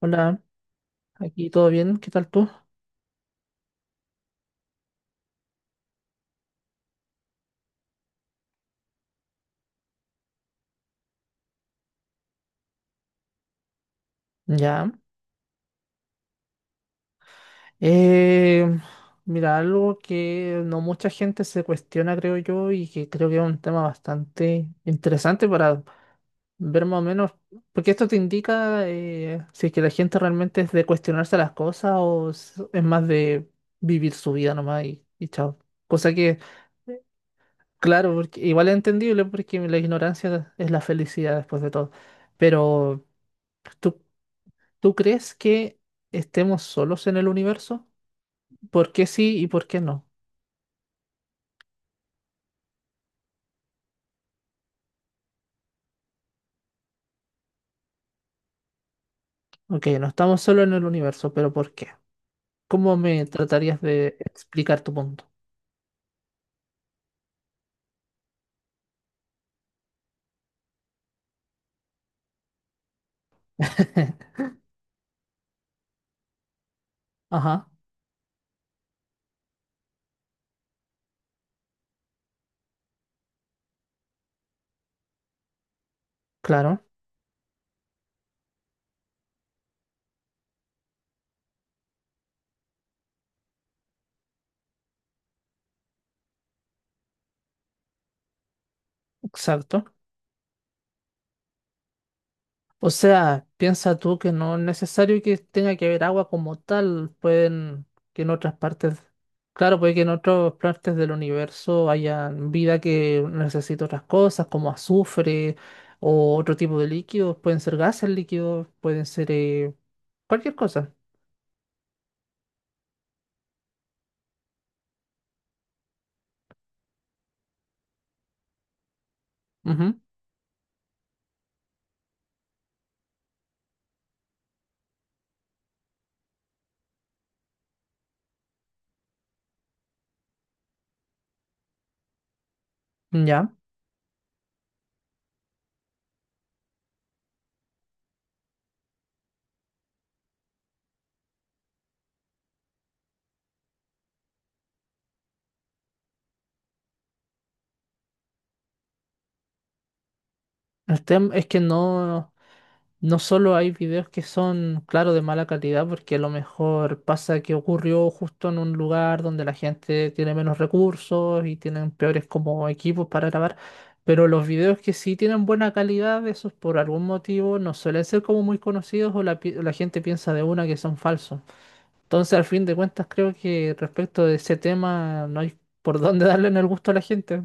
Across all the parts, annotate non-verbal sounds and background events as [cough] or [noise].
Hola, aquí todo bien, ¿qué tal tú? Ya. Eh, mira, algo que no mucha gente se cuestiona, creo yo, y que creo que es un tema bastante interesante para ver más o menos, porque esto te indica si es que la gente realmente es de cuestionarse las cosas o es más de vivir su vida nomás y chao. Cosa que, claro, porque igual es entendible porque la ignorancia es la felicidad después de todo. Pero ¿Tú ¿Tú crees que estemos solos en el universo? ¿Por qué sí y por qué no? Ok, no estamos solos en el universo, pero ¿por qué? ¿Cómo me tratarías de explicar tu punto? [laughs] Ajá, claro, exacto. O sea, piensa tú que no es necesario que tenga que haber agua como tal, pueden que en otras partes, claro, puede que en otras partes del universo haya vida que necesite otras cosas, como azufre o otro tipo de líquidos, pueden ser gases líquidos, pueden ser cualquier cosa. Ujú. Ya. El tema es que no. No solo hay videos que son, claro, de mala calidad, porque a lo mejor pasa que ocurrió justo en un lugar donde la gente tiene menos recursos y tienen peores como equipos para grabar, pero los videos que sí tienen buena calidad, esos por algún motivo no suelen ser como muy conocidos o la gente piensa de una que son falsos. Entonces, al fin de cuentas, creo que respecto de ese tema no hay por dónde [laughs] darle en el gusto a la gente.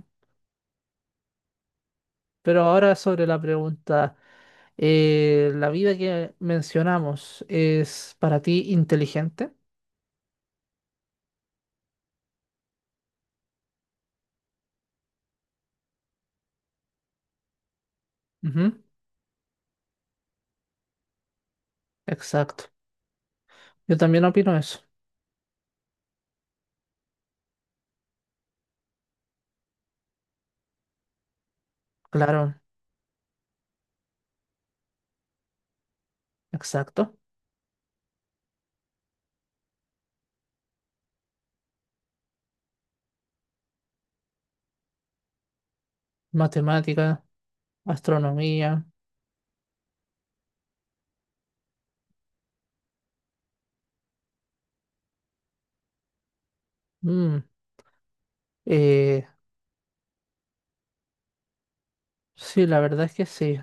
Pero ahora sobre la pregunta. La vida que mencionamos es para ti inteligente. Ujú. Exacto. Yo también opino eso. Claro, exacto. Matemática, astronomía. mm, eh, sí, la verdad es que sí.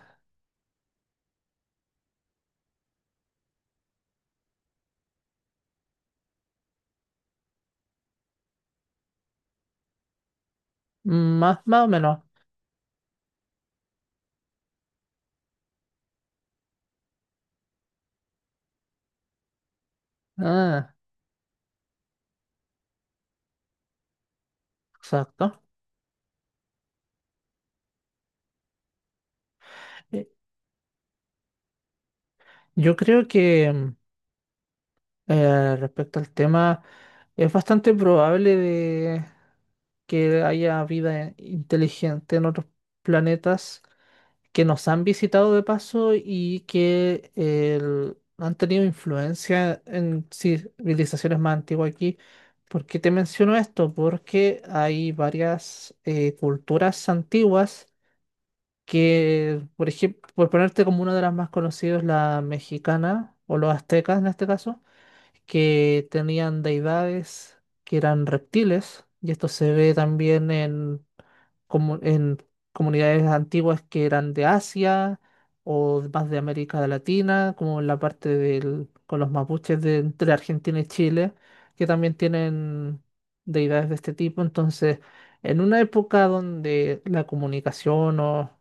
Más, más o menos. Ah, exacto. Eh, Yo creo que respecto al tema, es bastante probable de que haya vida inteligente en otros planetas que nos han visitado de paso y que han tenido influencia en civilizaciones más antiguas aquí. ¿Por qué te menciono esto? Porque hay varias culturas antiguas que, por ejemplo, por ponerte como una de las más conocidas, la mexicana o los aztecas en este caso, que tenían deidades que eran reptiles, y esto se ve también en comunidades antiguas que eran de Asia o más de América Latina, como en la parte del, con los mapuches de entre Argentina y Chile, que también tienen deidades de este tipo. Entonces, en una época donde la comunicación o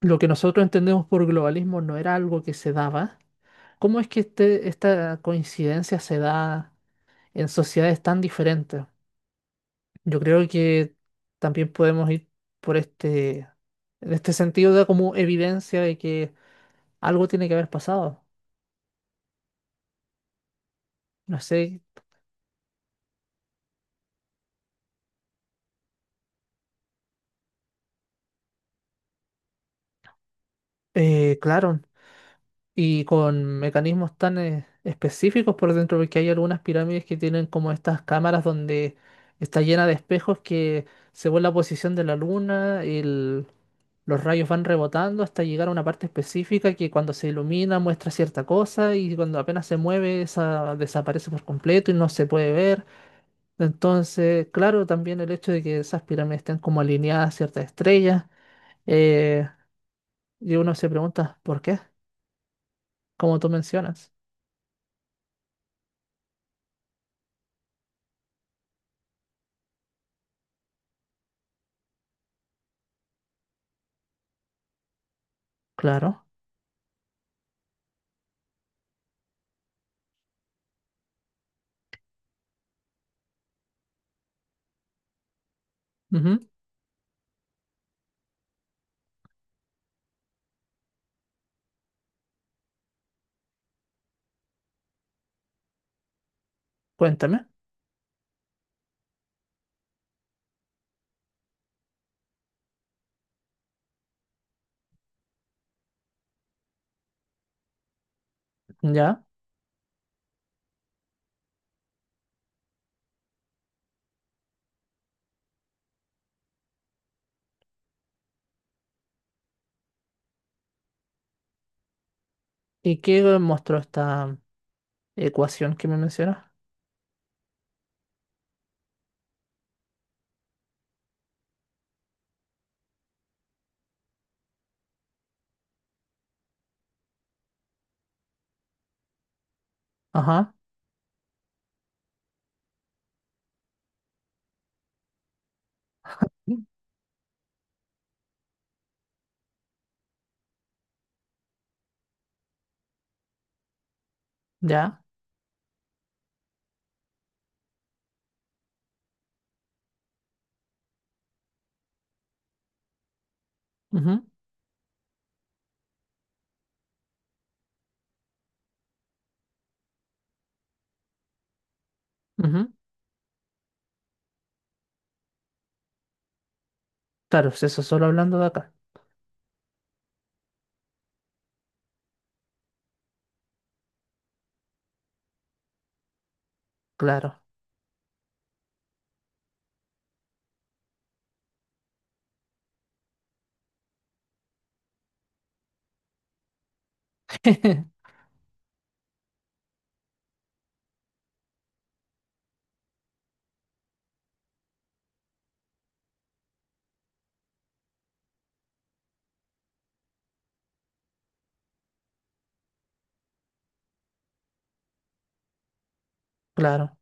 lo que nosotros entendemos por globalismo no era algo que se daba, ¿cómo es que esta coincidencia se da en sociedades tan diferentes? Yo creo que también podemos ir por este, en este sentido da como evidencia de que algo tiene que haber pasado. No sé, claro. Y con mecanismos tan específicos por dentro, porque hay algunas pirámides que tienen como estas cámaras donde está llena de espejos que según la posición de la luna, los rayos van rebotando hasta llegar a una parte específica que cuando se ilumina muestra cierta cosa y cuando apenas se mueve esa desaparece por completo y no se puede ver. Entonces, claro, también el hecho de que esas pirámides estén como alineadas a ciertas estrellas, eh, y uno se pregunta, ¿por qué? Como tú mencionas, claro. Ujú. Cuéntame, ya. ¿Y qué mostró esta ecuación que me mencionas? Ajá, ya. Ujú. Ujú. Claro, pues eso solo hablando de acá. Claro, [laughs] claro.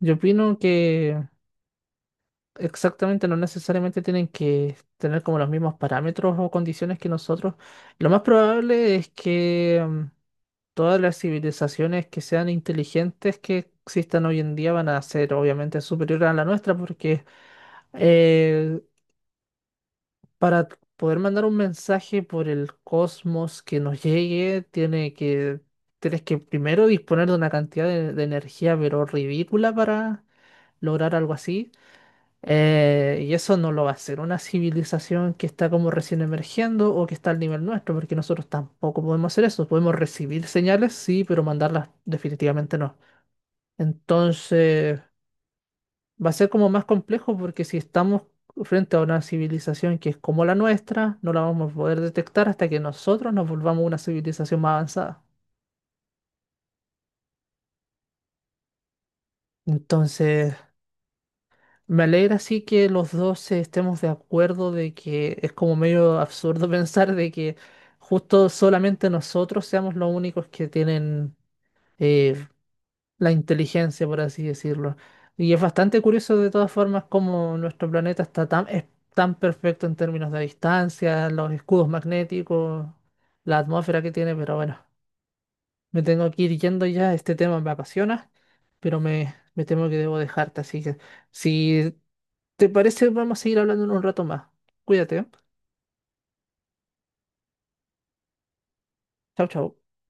Yo opino que exactamente no necesariamente tienen que tener como los mismos parámetros o condiciones que nosotros. Lo más probable es que todas las civilizaciones que sean inteligentes que existan hoy en día van a ser obviamente superiores a la nuestra porque... eh, Para poder mandar un mensaje por el cosmos que nos llegue, tienes que primero disponer de una cantidad de energía, pero ridícula para lograr algo así. Y eso no lo va a hacer una civilización que está como recién emergiendo o que está al nivel nuestro, porque nosotros tampoco podemos hacer eso. Podemos recibir señales, sí, pero mandarlas definitivamente no. Entonces va a ser como más complejo porque si estamos frente a una civilización que es como la nuestra, no la vamos a poder detectar hasta que nosotros nos volvamos una civilización más avanzada. Entonces, me alegra sí que los dos estemos de acuerdo de que es como medio absurdo [laughs] pensar de que justo solamente nosotros seamos los únicos que tienen eh, la inteligencia, por así decirlo. Y es bastante curioso de todas formas cómo nuestro planeta está tan, es tan perfecto en términos de distancia, los escudos magnéticos, la atmósfera que tiene, pero bueno, me tengo que ir yendo ya, este tema me apasiona, pero me temo que debo dejarte, así que si te parece vamos a seguir hablando en un rato más. Cuídate, ¿eh? Chau, chau.